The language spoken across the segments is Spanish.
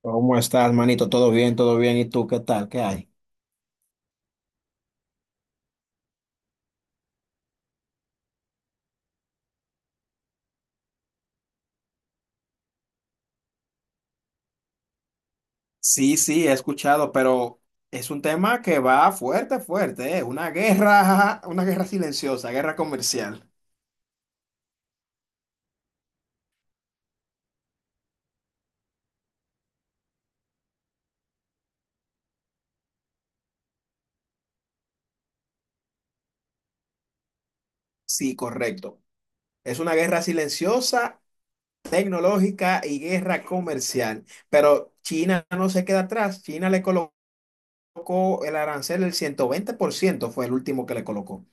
¿Cómo estás, manito? ¿Todo bien? ¿Todo bien? ¿Y tú qué tal? ¿Qué hay? Sí, sí, he escuchado, pero es un tema que va fuerte, fuerte, ¿eh? Una guerra, una guerra silenciosa, guerra comercial. Sí, correcto. Es una guerra silenciosa, tecnológica y guerra comercial. Pero China no se queda atrás. China le colocó el arancel el ciento veinte por ciento fue el último que le colocó.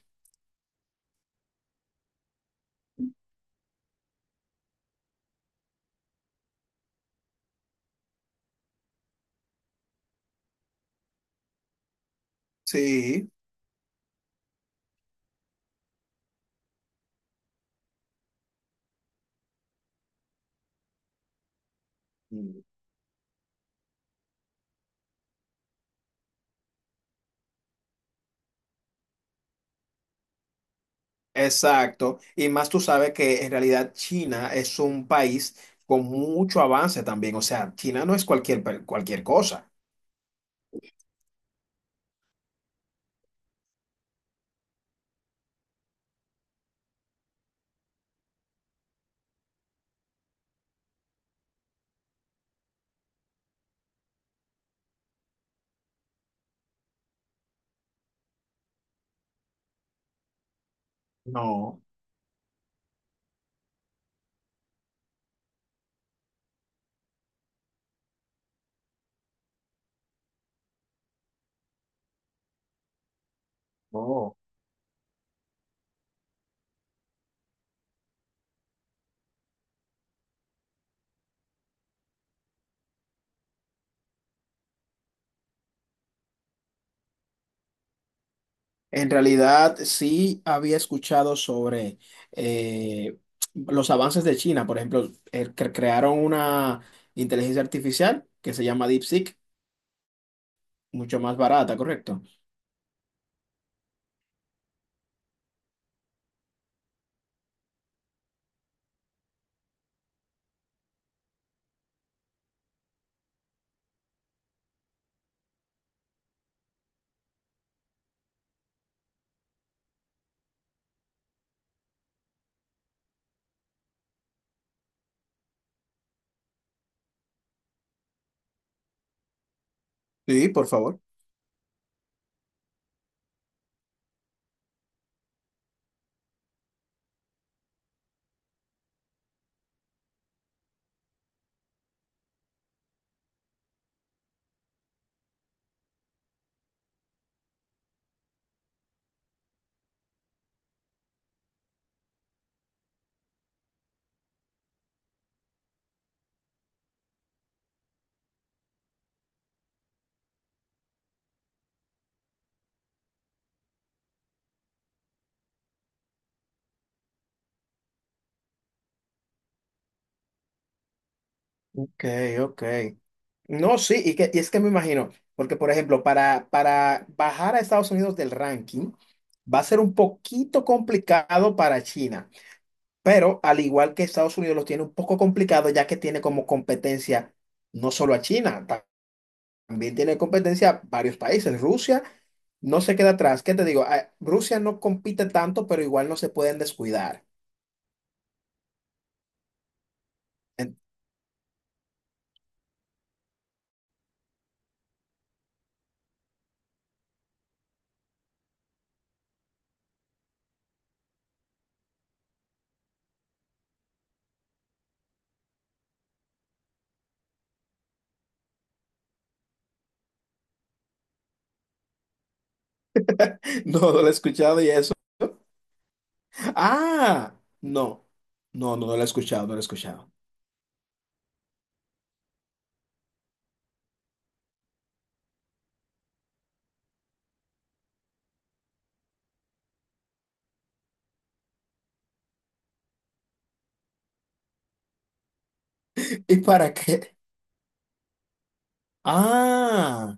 Sí. Exacto, y más tú sabes que en realidad China es un país con mucho avance también, o sea, China no es cualquier, cualquier cosa. No, no. En realidad sí había escuchado sobre eh, los avances de China, por ejemplo, el que crearon una inteligencia artificial que se llama DeepSeek, mucho más barata, ¿correcto? Sí, por favor. Ok, ok. No, sí, y es que me imagino, porque por ejemplo, para bajar a Estados Unidos del ranking va a ser un poquito complicado para China, pero al igual que Estados Unidos lo tiene un poco complicado ya que tiene como competencia no solo a China, también tiene competencia a varios países. Rusia no se queda atrás, ¿qué te digo? Ah, Rusia no compite tanto, pero igual no se pueden descuidar. No, no lo he escuchado y eso. Ah, no, no, no, no lo he escuchado, no lo he escuchado. ¿Y para qué? Ah,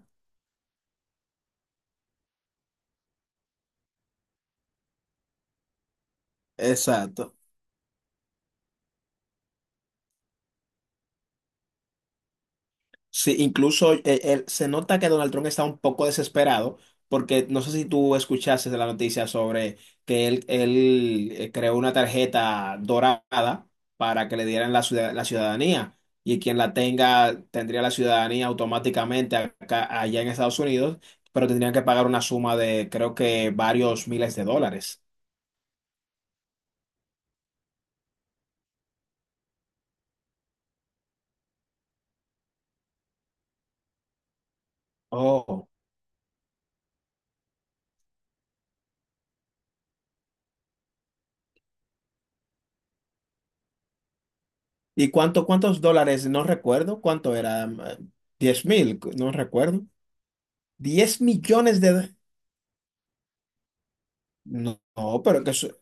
exacto. Sí, incluso se nota que Donald Trump está un poco desesperado porque no sé si tú escuchaste de la noticia sobre que él, él creó una tarjeta dorada para que le dieran la, la ciudadanía y quien la tenga tendría la ciudadanía automáticamente acá, allá en Estados Unidos, pero tendrían que pagar una suma de creo que varios miles de dólares. Oh, ¿y cuántos dólares? No recuerdo. ¿Cuánto era? 10.000, no recuerdo. 10 millones de... No, no, pero que eso,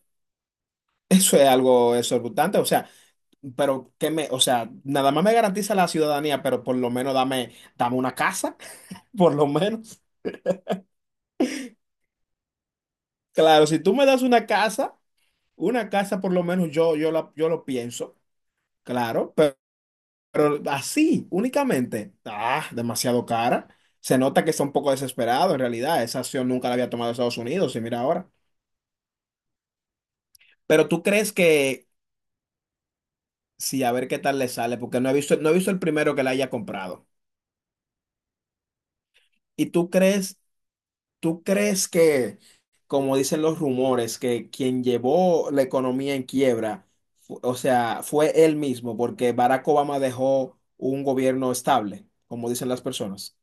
eso es algo exorbitante. O sea, pero que me... O sea, nada más me garantiza la ciudadanía, pero por lo menos dame, dame una casa, por lo menos. Claro, si tú me das una casa por lo menos yo lo pienso, claro. Pero así, únicamente, ah, demasiado cara. Se nota que está un poco desesperado en realidad. Esa acción nunca la había tomado Estados Unidos y mira ahora. Pero tú crees que, sí, a ver qué tal le sale, porque no he visto el primero que la haya comprado. ¿Y tú crees que, como dicen los rumores, que quien llevó la economía en quiebra, o sea, fue él mismo, porque Barack Obama dejó un gobierno estable, como dicen las personas?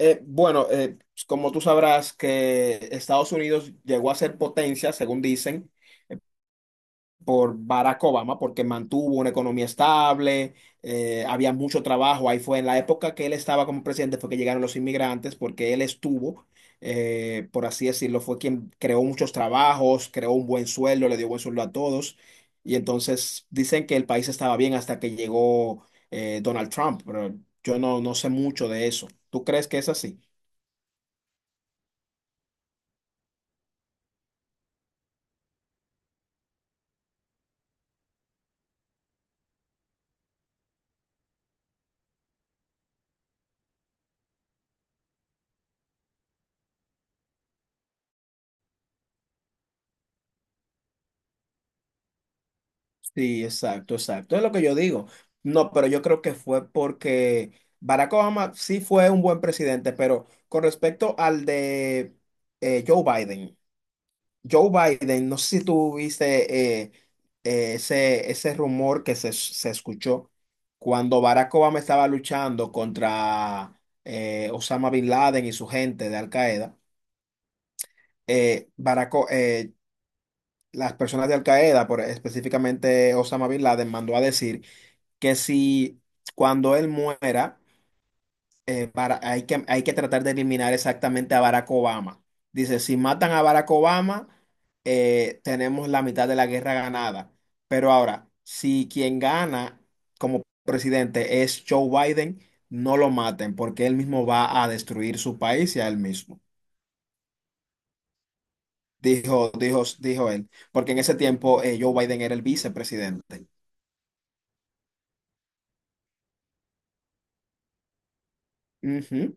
Bueno, como tú sabrás que Estados Unidos llegó a ser potencia, según dicen, por Barack Obama, porque mantuvo una economía estable, había mucho trabajo. Ahí fue en la época que él estaba como presidente, fue que llegaron los inmigrantes, porque él estuvo, por así decirlo, fue quien creó muchos trabajos, creó un buen sueldo, le dio buen sueldo a todos. Y entonces dicen que el país estaba bien hasta que llegó Donald Trump, pero yo no sé mucho de eso. ¿Tú crees que es así? Sí, exacto, exacto. Es lo que yo digo. No, pero yo creo que fue porque Barack Obama sí fue un buen presidente, pero con respecto al de Joe Biden, Joe Biden, no sé si tú viste ese rumor que se escuchó cuando Barack Obama estaba luchando contra Osama Bin Laden y su gente de Al Qaeda. eh, Barack O- eh, las personas de Al Qaeda, específicamente Osama Bin Laden, mandó a decir que si cuando él muera, hay que tratar de eliminar exactamente a Barack Obama. Dice, si matan a Barack Obama, tenemos la mitad de la guerra ganada. Pero ahora, si quien gana como presidente es Joe Biden, no lo maten porque él mismo va a destruir su país y a él mismo. Dijo, dijo, dijo él, porque en ese tiempo Joe Biden era el vicepresidente. Ujú.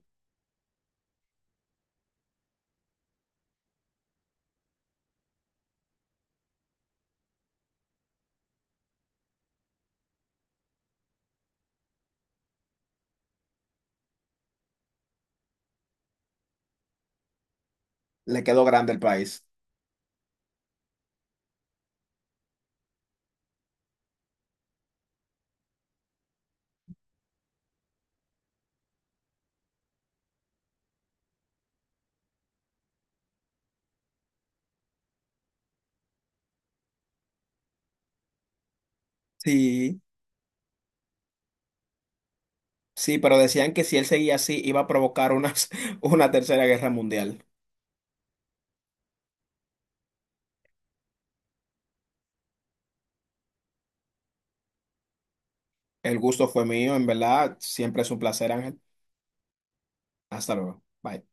Le quedó grande el país. Sí. Sí, pero decían que si él seguía así iba a provocar una, una tercera guerra mundial. El gusto fue mío, en verdad. Siempre es un placer, Ángel. Hasta luego. Bye.